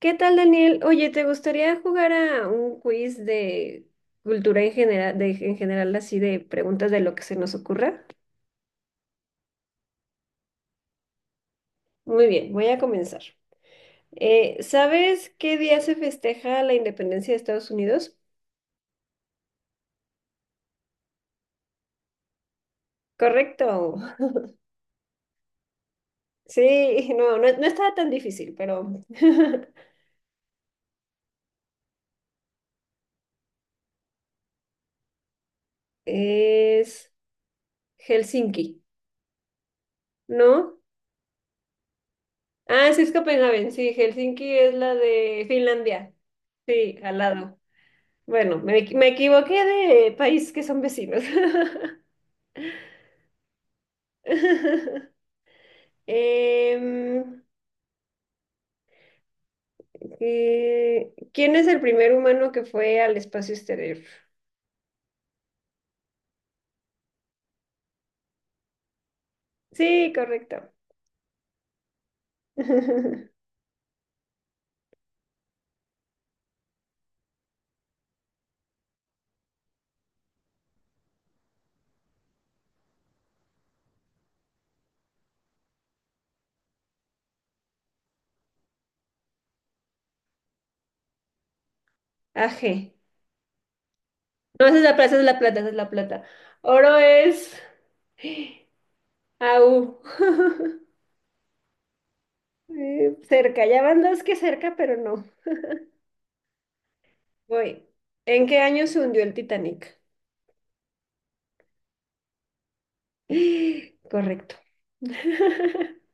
¿Qué tal, Daniel? Oye, ¿te gustaría jugar a un quiz de cultura en general, en general así de preguntas de lo que se nos ocurra? Muy bien, voy a comenzar. ¿Sabes qué día se festeja la independencia de Estados Unidos? Correcto. Sí, no, no, no estaba tan difícil, pero es Helsinki, ¿no? Ah, sí, es Copenhague, sí, Helsinki es la de Finlandia. Sí, al lado. Bueno, me equivoqué de país que son vecinos. Em, ¿Quién es el primer humano que fue al espacio exterior? Sí, correcto. AG. No, esa es la plata, esa es la plata, esa es la plata. Oro es AU. Cerca, ya van dos que cerca, pero no. Voy. ¿En qué año se hundió el Titanic? Correcto.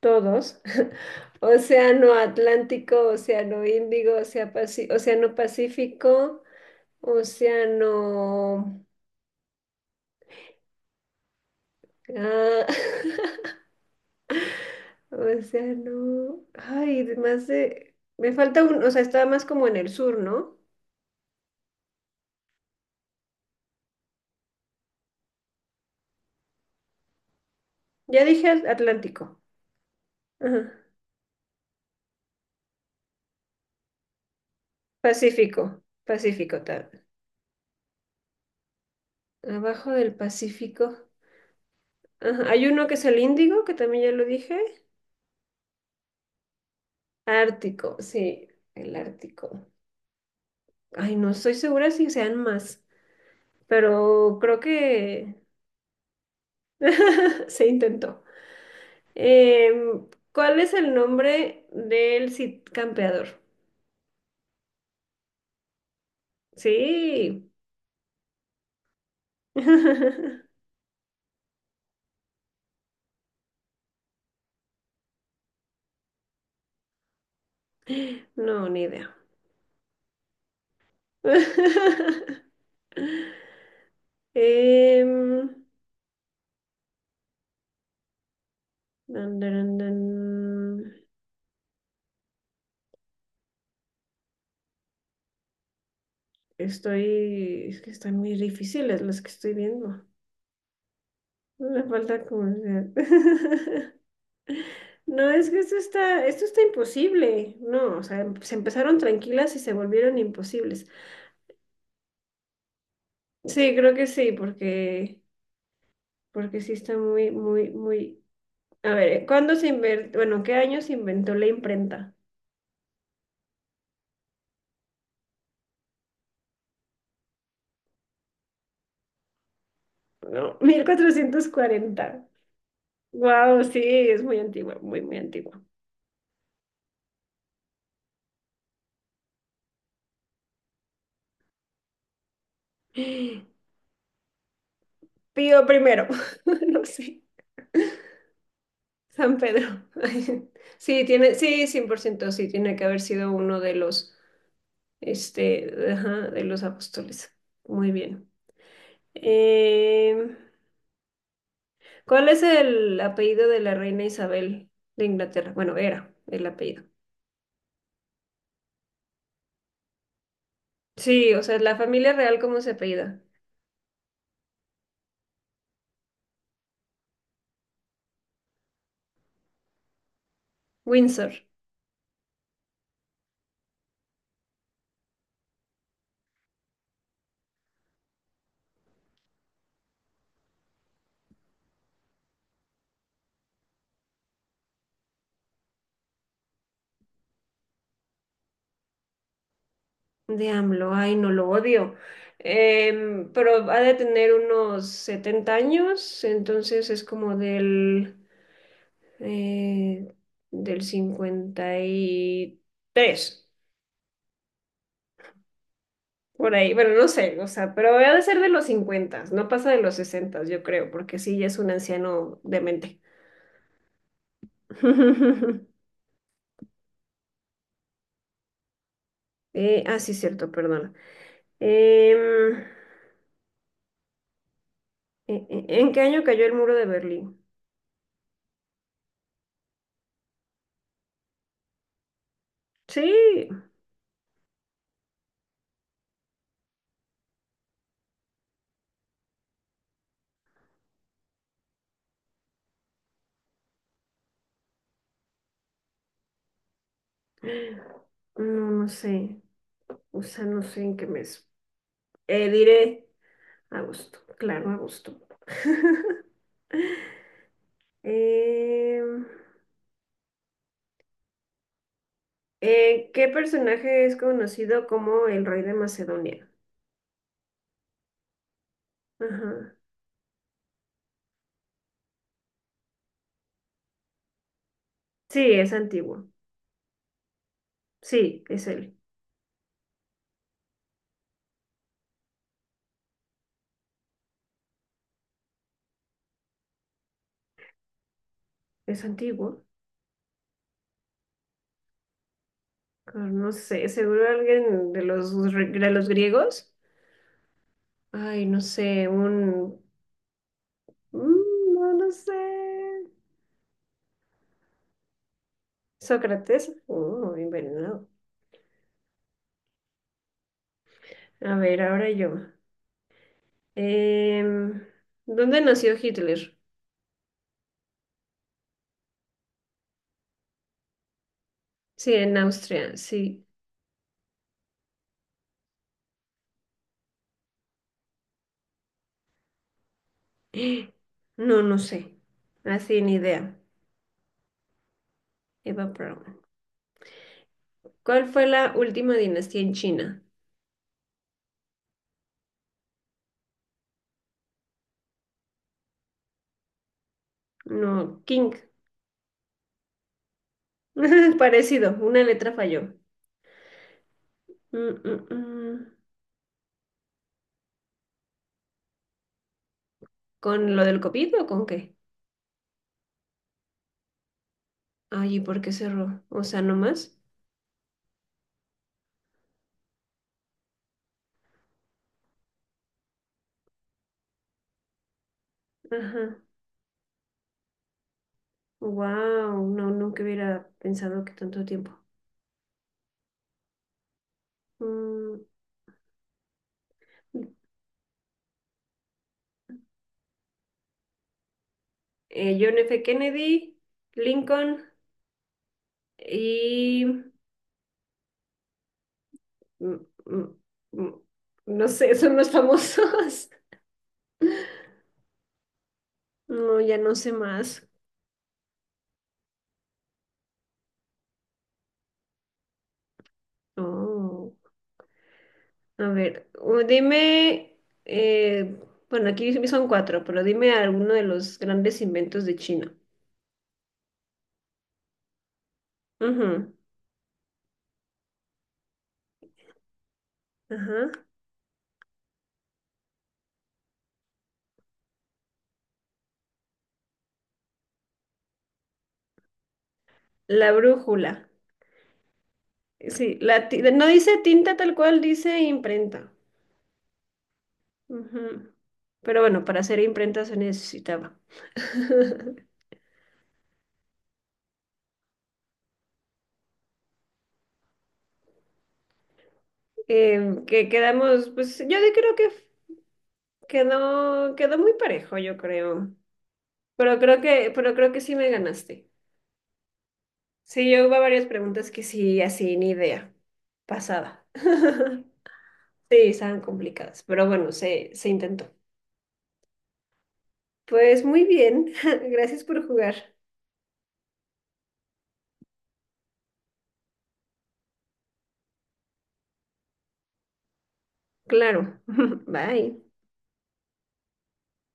Todos, Océano Atlántico, Océano Índigo, Océano Pacífico, Océano, ah, Océano. Ay, de más de. Me falta un. O sea, estaba más como en el sur, ¿no? Ya dije Atlántico. Ajá. Pacífico, Pacífico, tal. Abajo del Pacífico. Ajá. Hay uno que es el Índigo, que también ya lo dije. Ártico, sí, el Ártico. Ay, no estoy segura si sean más, pero creo que se intentó. ¿Cuál es el nombre del Cid campeador? Sí. No, ni idea. Em, Dun, dun, dun, dun. Es que están muy difíciles las que estoy viendo. Me falta como, sea. No, es que esto está imposible. No, o sea, se empezaron tranquilas y se volvieron imposibles. Sí, creo que sí, porque sí está muy, muy, muy. A ver, ¿cuándo se inventó? Bueno, ¿qué año se inventó la imprenta? No, 1440. Wow, sí, es muy antigua, muy, muy antigua. Pío primero, no sé. San Pedro. Sí, tiene, sí, 100% sí, tiene que haber sido uno de los, este, ajá, de los apóstoles. Muy bien. Em, ¿Cuál es el apellido de la reina Isabel de Inglaterra? Bueno, era el apellido. Sí, o sea, la familia real, ¿cómo se apellida? Windsor, de AMLO. Ay, no lo odio. Pero ha de tener unos 70 años, entonces es como eh, del 53. Por ahí, bueno, no sé, o sea, pero ha de ser de los 50, no pasa de los 60, yo creo, porque sí, ya es un anciano demente. Ah, sí, cierto, perdona. Em, ¿En qué año cayó el muro de Berlín? Sí, no, no sé, o sea, no sé en qué mes. Diré agosto, claro, agosto. Em, ¿Qué personaje es conocido como el rey de Macedonia? Ajá. Sí, es antiguo. Sí, es él. Es antiguo. Ah, no sé, seguro alguien de los griegos. Ay, no sé, no, no sé. Sócrates. Oh, envenenado. A ver, ahora yo. Em, ¿Dónde nació Hitler? Sí, en Austria, sí. No, no sé. Así ni idea. Eva Braun. ¿Cuál fue la última dinastía en China? No, King. Parecido, una letra falló. Mm, mm, mm. ¿Con lo del COVID o con qué? Ay, ¿y por qué cerró? O sea, ¿no más? Ajá. Wow, no, nunca hubiera pensado que tanto tiempo. Mm, John F. Kennedy, Lincoln y... mm, mm, mm, no sé, son los famosos. No, ya no sé más. Oh, a ver, eh, bueno, aquí son cuatro, pero dime alguno de los grandes inventos de China. Ujú. Ajá. La brújula. Sí, no dice tinta tal cual, dice imprenta. Ujú. Pero bueno, para hacer imprenta se necesitaba. Que quedamos, pues yo creo que quedó muy parejo, yo creo. Pero creo que sí me ganaste. Sí, yo hubo varias preguntas que sí, así, ni idea. Pasada. Sí, estaban complicadas, pero bueno, se intentó. Pues muy bien, gracias por jugar. Claro. Bye.